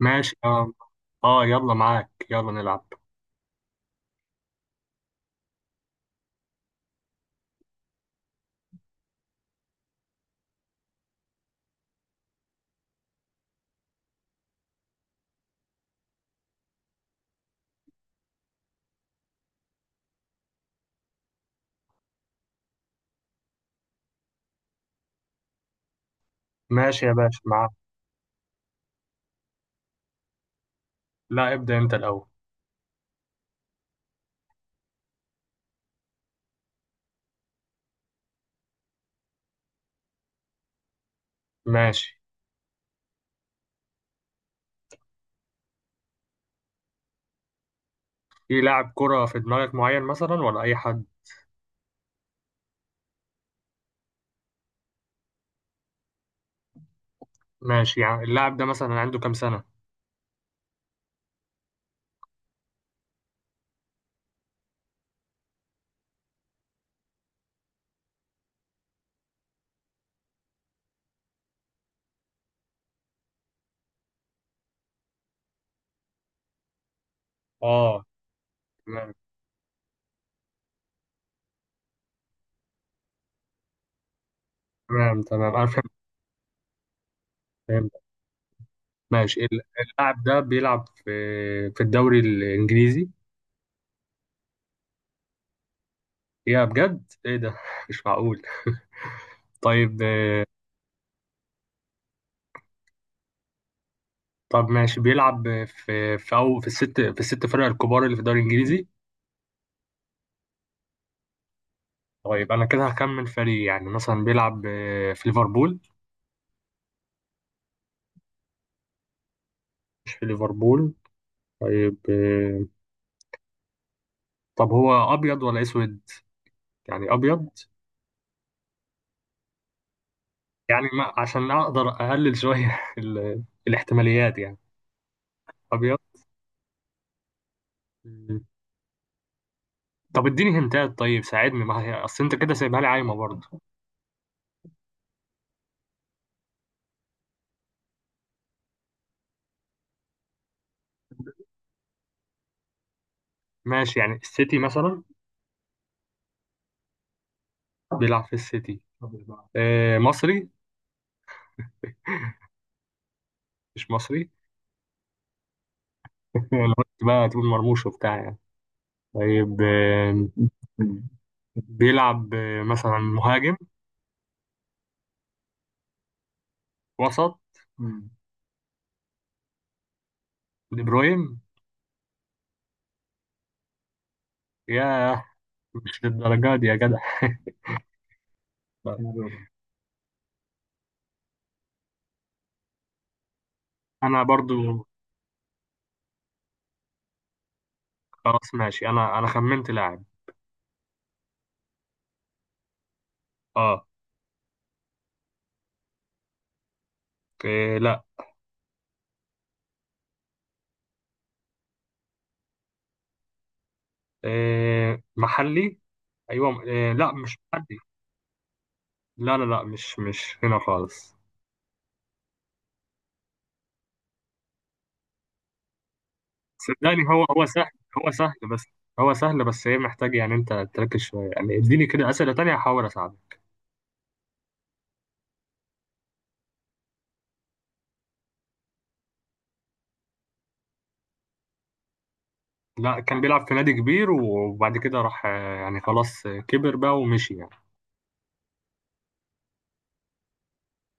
ماشي، اه. اه، يلا معاك، يلا نلعب. ماشي يا باشا، معاك. لا، ابدأ انت الأول. ماشي. في لاعب كرة في دماغك معين مثلا ولا أي حد؟ ماشي. يعني اللاعب ده مثلا عنده كام سنة؟ اه. تمام تمام، تمام أنا فهمت. فهمت. ماشي. اللاعب ده بيلعب في في الدوري الإنجليزي. يا بجد، ايه ده مش معقول. طيب، طب ماشي، بيلعب في الست فرق الكبار اللي في الدوري الإنجليزي؟ طيب انا كده هكمل فريق، يعني مثلا بيلعب في ليفربول. مش في ليفربول. طيب، طب هو ابيض ولا اسود؟ يعني ابيض. يعني ما عشان اقدر اقلل شويه الاحتماليات يعني. ابيض. مم. طب اديني هنتات. طيب ساعدني، ما هي اصل انت كده سايبها لي عايمه برضه. ماشي، يعني السيتي مثلا. بيلعب في السيتي. مصري؟ مش مصري لو قلت بقى تقول مرموش وبتاع يعني. طيب، بيلعب مثلا مهاجم؟ وسط. مم. دي بروين؟ ياه! مش للدرجة دي يا جدع يا رب. انا برضو. خلاص ماشي، انا خمنت لاعب. اه. إيه لا. إيه محلي؟ ايوه، إيه لا، مش محلي. لا لا لا، مش هنا خالص. صدقني، هو سهل. هو سهل بس. هو سهل، بس هي محتاج يعني انت تركز شويه يعني. اديني كده اسئله تانية هحاول اساعدك. لا، كان بيلعب في نادي كبير وبعد كده راح، يعني خلاص كبر بقى ومشي يعني.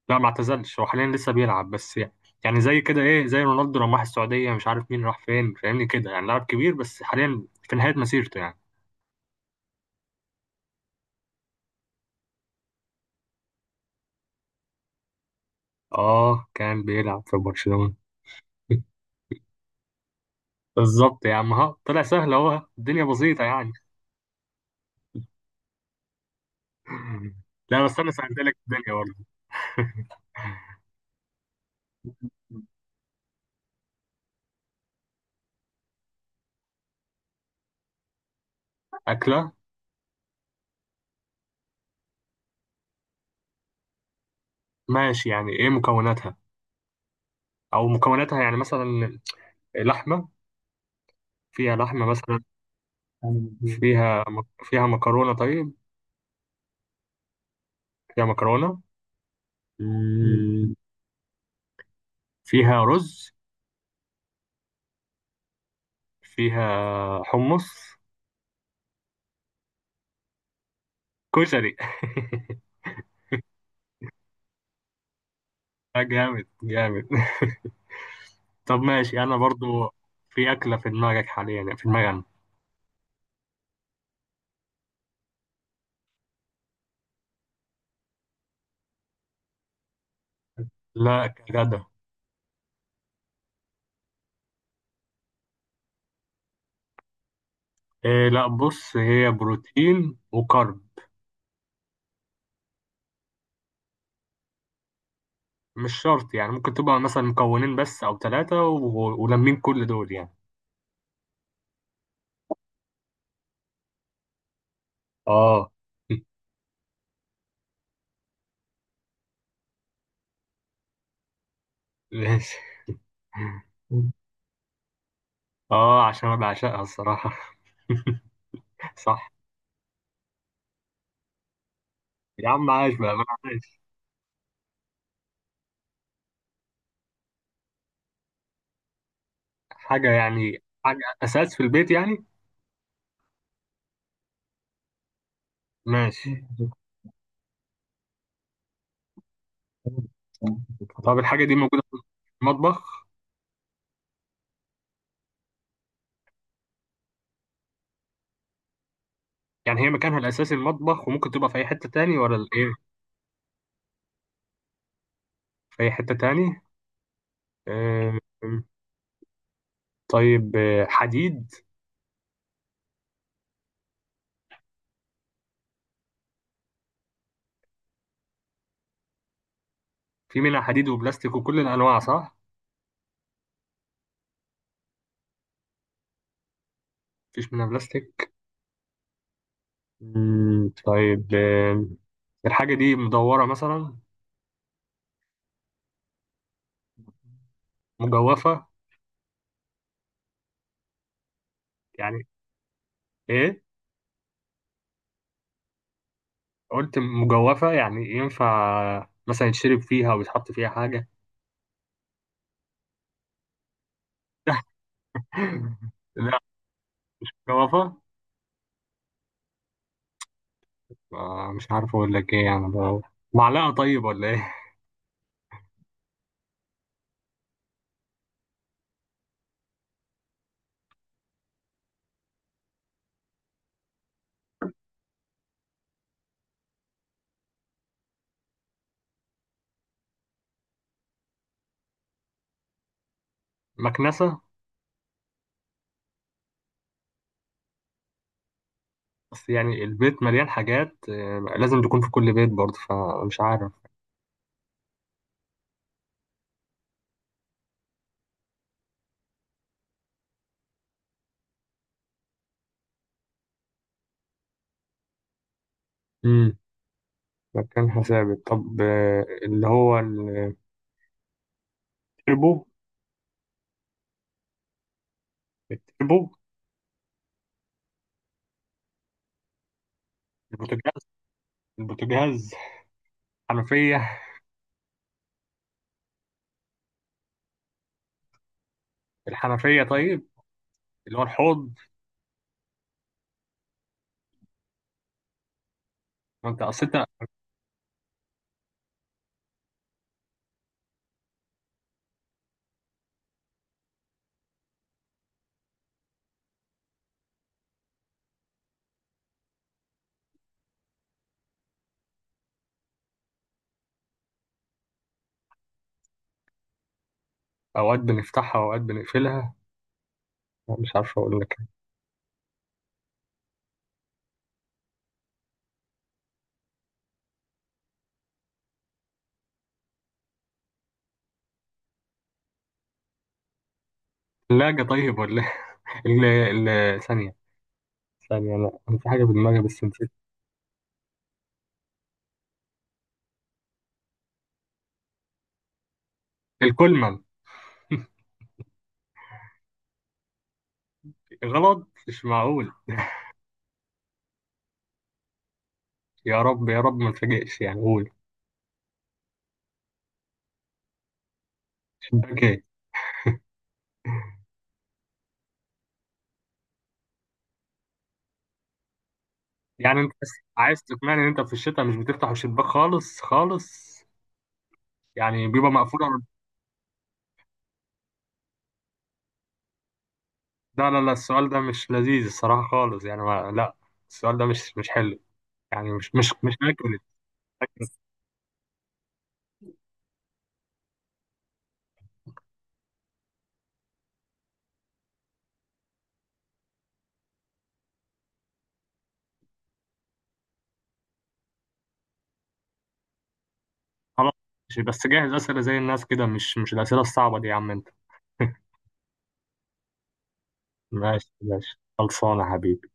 لا، ما اعتزلش، هو حاليا لسه بيلعب بس يعني. يعني زي كده ايه، زي رونالدو لما راح السعودية، مش عارف مين راح فين، فاهمني كده، يعني لاعب كبير بس حاليا في نهاية مسيرته يعني. اه كان بيلعب في برشلونة. بالظبط يا عم، ها طلع سهل اهو، الدنيا بسيطة يعني. لا بس انا سهلت لك الدنيا برضه. أكلة. ماشي، يعني إيه مكوناتها؟ أو مكوناتها يعني مثلا؟ لحمة؟ فيها لحمة مثلا؟ فيها فيها مكرونة؟ طيب. فيها مكرونة. مم، فيها رز. فيها حمص. كشري. جامد جامد. طب ماشي انا برضو. في اكله في دماغك حاليا، في دماغي أنا. لا، كغدا. إيه لا، بص هي بروتين وكارب. مش شرط يعني، ممكن تبقى مثلا مكونين بس او ثلاثه ولمين كل دول يعني. اه. ماشي. اه، عشان انا بعشقها الصراحه. صح. يا عم عايش بقى، ما عايش. حاجه، يعني حاجه اساس في البيت يعني. ماشي. طب الحاجة دي موجودة في المطبخ؟ يعني هي مكانها الأساسي المطبخ وممكن تبقى في أي حتة تاني، ولا الإيه؟ في أي حتة تاني. آه، طيب. حديد؟ في منها حديد وبلاستيك وكل الأنواع، صح؟ مفيش منها بلاستيك. طيب، الحاجة دي مدورة مثلا؟ مجوفة. يعني إيه؟ قلت مجوفة، يعني ينفع مثلا يتشرب فيها أو يتحط فيها حاجة. لا، مجوفة. مش عارف اقول لك ايه يعني بقى. معلقة طيب، ولا ايه؟ مكنسة. بس يعني البيت مليان حاجات، لازم تكون في كل بيت برضه، فمش عارف. امم مكانها ثابت. طب، اللي هو التربو. التربو. البوتاجاز. البوتاجاز. الحنفية. الحنفية طيب. اللي هو الحوض. ما انت اصل إنت. اوقات بنفتحها واوقات بنقفلها، مش عارف اقول لك. الثلاجة طيب، ولا ايه؟ ثانية. ثانية، لا انا في حاجة في دماغي بس نسيت. الكولمة. غلط، مش معقول يا رب، يا رب، ما تفاجئش يعني، قول. اوكي. يعني انت بس عايز تقنعني ان انت في الشتاء مش بتفتح الشباك خالص خالص. يعني بيبقى مقفول لا لا لا، السؤال ده مش لذيذ الصراحة خالص، يعني ما لا. السؤال ده مش حلو. يعني مش اكل. خلاص. ماشي، بس جاهز أسئلة زي الناس كده، مش الأسئلة الصعبة دي يا عم انت. ماشي ماشي، خلصانة يا حبيبي.